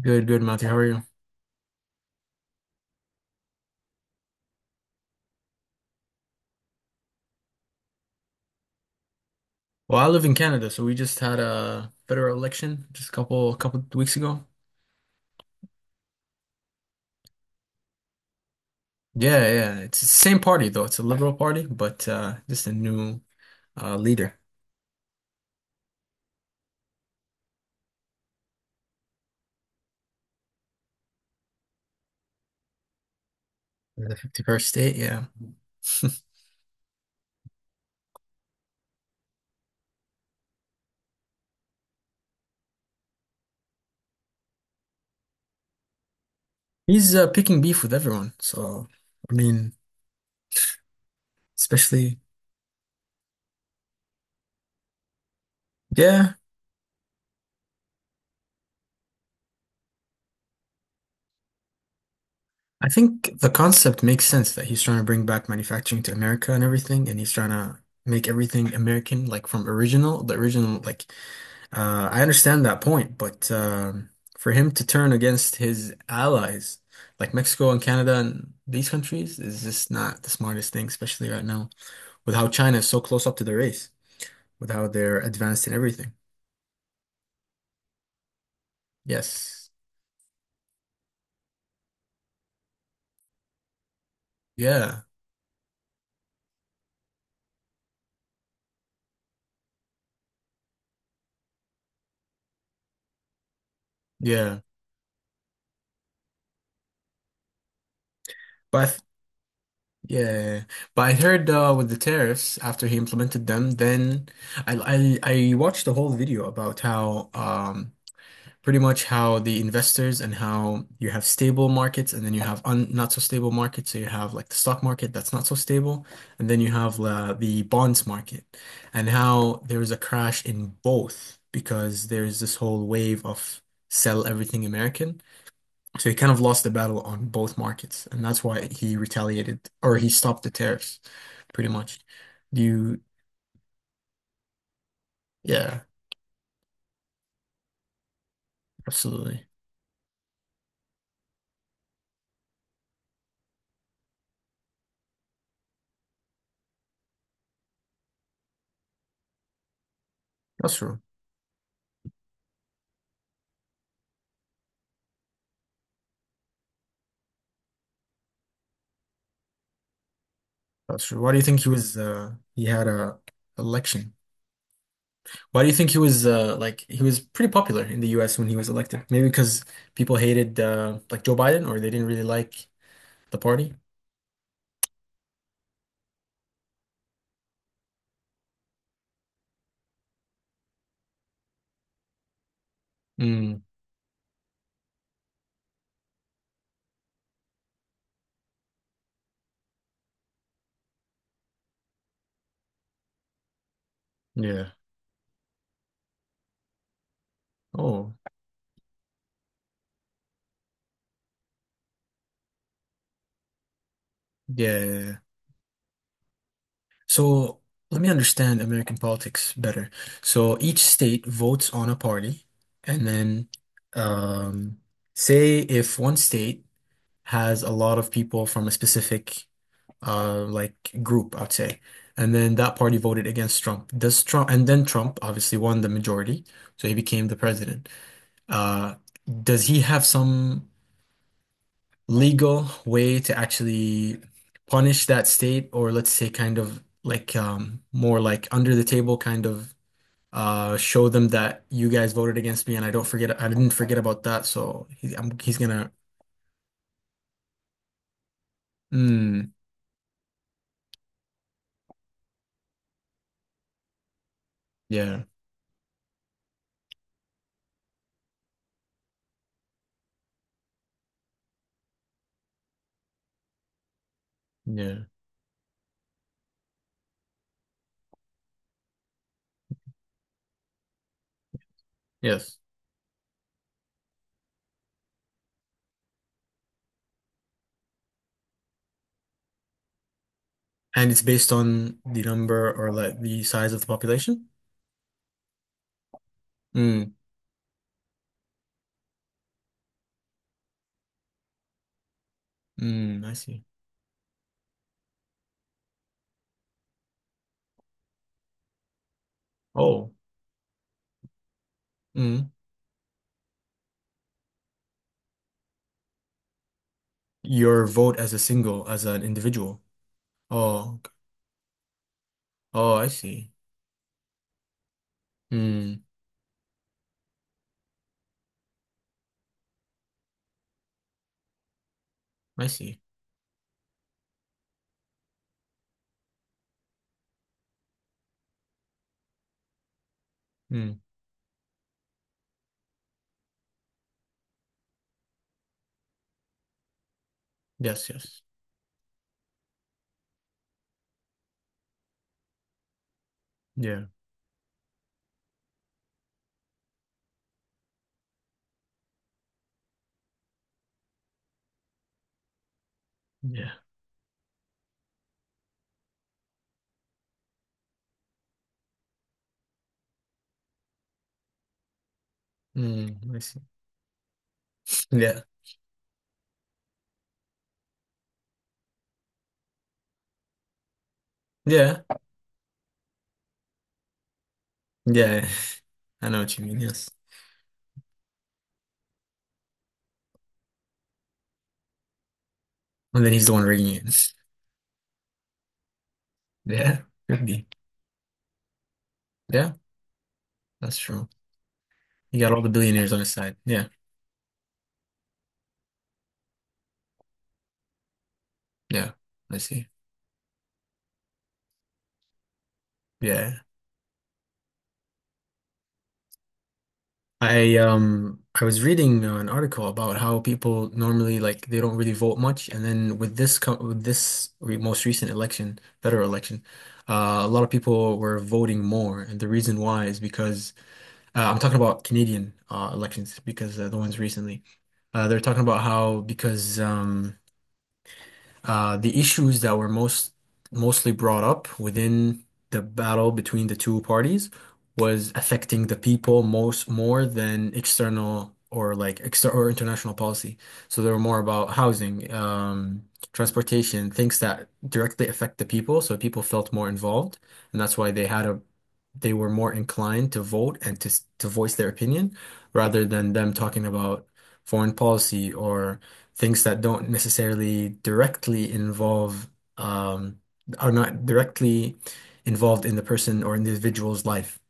Good, good, Matthew. How are you? Well, I live in Canada, so we just had a federal election just a couple weeks ago. Yeah, yeah. It's the same party though. It's a Liberal Party, but just a new leader. The 51st state, yeah. He's picking beef with everyone. So, I mean, especially yeah, I think the concept makes sense that he's trying to bring back manufacturing to America and everything, and he's trying to make everything American, like from original, the original like I understand that point, but for him to turn against his allies like Mexico and Canada and these countries is just not the smartest thing, especially right now with how China is so close up to the race, with how they're advanced in everything. Yes. Yeah. Yeah. But I th- yeah, but I heard with the tariffs after he implemented them, then I watched a whole video about how pretty much how the investors and how you have stable markets and then you have un not so stable markets. So you have like the stock market that's not so stable, and then you have the bonds market, and how there is a crash in both because there's this whole wave of sell everything American. So he kind of lost the battle on both markets, and that's why he retaliated or he stopped the tariffs, pretty much. Do you, yeah, absolutely. That's true. That's true. Why do you think he was he had a election? Why do you think he was like he was pretty popular in the U.S. when he was elected? Maybe because people hated like Joe Biden, or they didn't really like the party. Mm, yeah. Oh, yeah, yeah, yeah. So let me understand American politics better. So each state votes on a party, and then um, say if one state has a lot of people from a specific like group, I'd say. And then that party voted against Trump. Does Trump and then Trump obviously won the majority, so he became the president. Uh, does he have some legal way to actually punish that state, or let's say kind of like more like under the table kind of show them that you guys voted against me and I didn't forget about that, so he's gonna mm, yeah, yeah, yes. And it's based on the number or like the size of the population? Mm, mm, I see. Oh, mm. Your vote as a single, as an individual. Oh, okay. Oh, I see. Mm, I see. Mm, yes, yes. Yeah, yeah. Mm, I see. Yeah, yeah, yeah. I know what you mean, yes. And then he's the one rigging it. Yeah, could be. Yeah, that's true. He got all the billionaires on his side. Yeah, yeah, I see. Yeah. I I was reading an article about how people normally like they don't really vote much, and then with this co with this re most recent election, federal election, a lot of people were voting more, and the reason why is because I'm talking about Canadian elections because the ones recently, they're talking about how because the issues that were mostly brought up within the battle between the two parties was affecting the people most more than external or like exter or international policy. So they were more about housing, transportation, things that directly affect the people. So people felt more involved, and that's why they had a they were more inclined to vote and to voice their opinion rather than them talking about foreign policy or things that don't necessarily directly involve um, are not directly involved in the person or individual's life.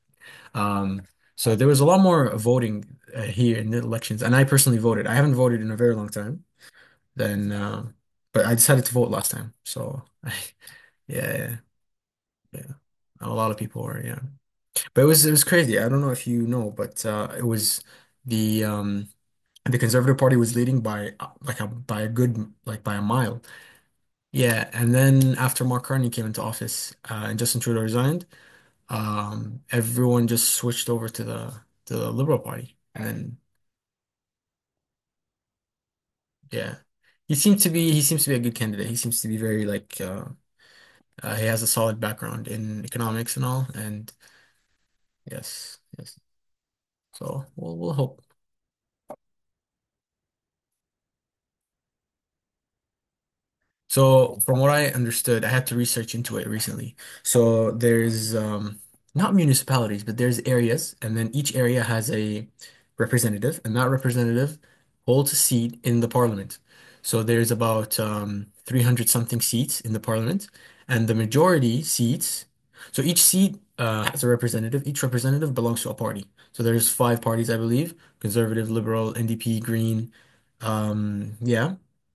Um, so there was a lot more voting here in the elections, and I personally voted. I haven't voted in a very long time, then, but I decided to vote last time. So yeah, yeah, yeah. A lot of people were, yeah. But it was crazy. I don't know if you know, but it was the um, the Conservative Party was leading by like a by a good by a mile. Yeah, and then after Mark Carney came into office and Justin Trudeau resigned, everyone just switched over to the Liberal Party, and then yeah, he seems to be a good candidate. He seems to be very like he has a solid background in economics and all, and yes, yes. So we'll hope. So, from what I understood, I had to research into it recently. So, there's not municipalities, but there's areas, and then each area has a representative, and that representative holds a seat in the parliament. So, there's about 300 something seats in the parliament, and the majority seats. So, each seat has a representative. Each representative belongs to a party. So, there's five parties, I believe: conservative, liberal, NDP, Green. Um, yeah,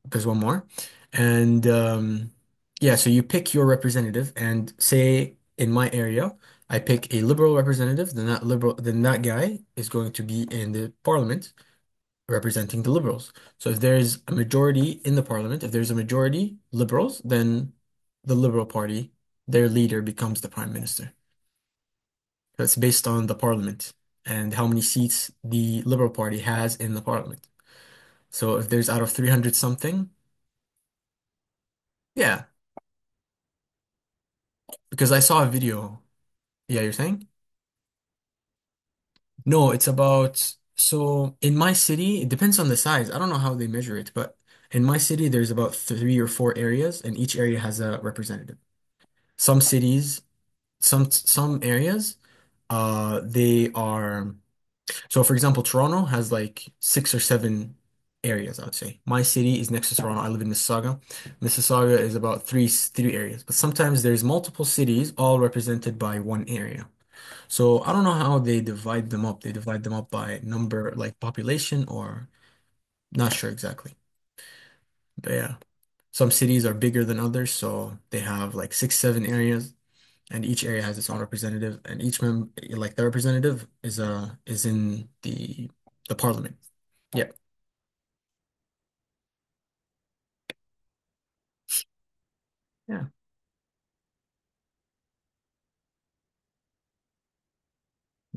there's one more. And yeah, so you pick your representative, and say in my area, I pick a liberal representative. Then that guy is going to be in the parliament representing the liberals. So if there's a majority in the parliament, if there's a majority liberals, then the Liberal Party, their leader becomes the prime minister. So it's based on the parliament and how many seats the Liberal Party has in the parliament. So if there's out of 300 something, yeah, because I saw a video. Yeah, you're saying? No, it's about so in my city, it depends on the size. I don't know how they measure it, but in my city, there's about three or four areas, and each area has a representative. Some cities, some areas, they are so. For example, Toronto has like six or seven areas, I would say. My city is next to Toronto. I live in Mississauga. Mississauga is about three areas, but sometimes there's multiple cities all represented by one area. So I don't know how they divide them up. They divide them up by number, like population, or not sure exactly. But yeah, some cities are bigger than others, so they have like six, seven areas, and each area has its own representative, and each member, like the representative, is in the parliament. Yeah, yeah,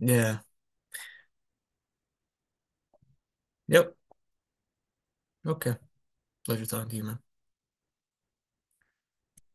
yeah. Yep. Okay. Pleasure talking to you, man.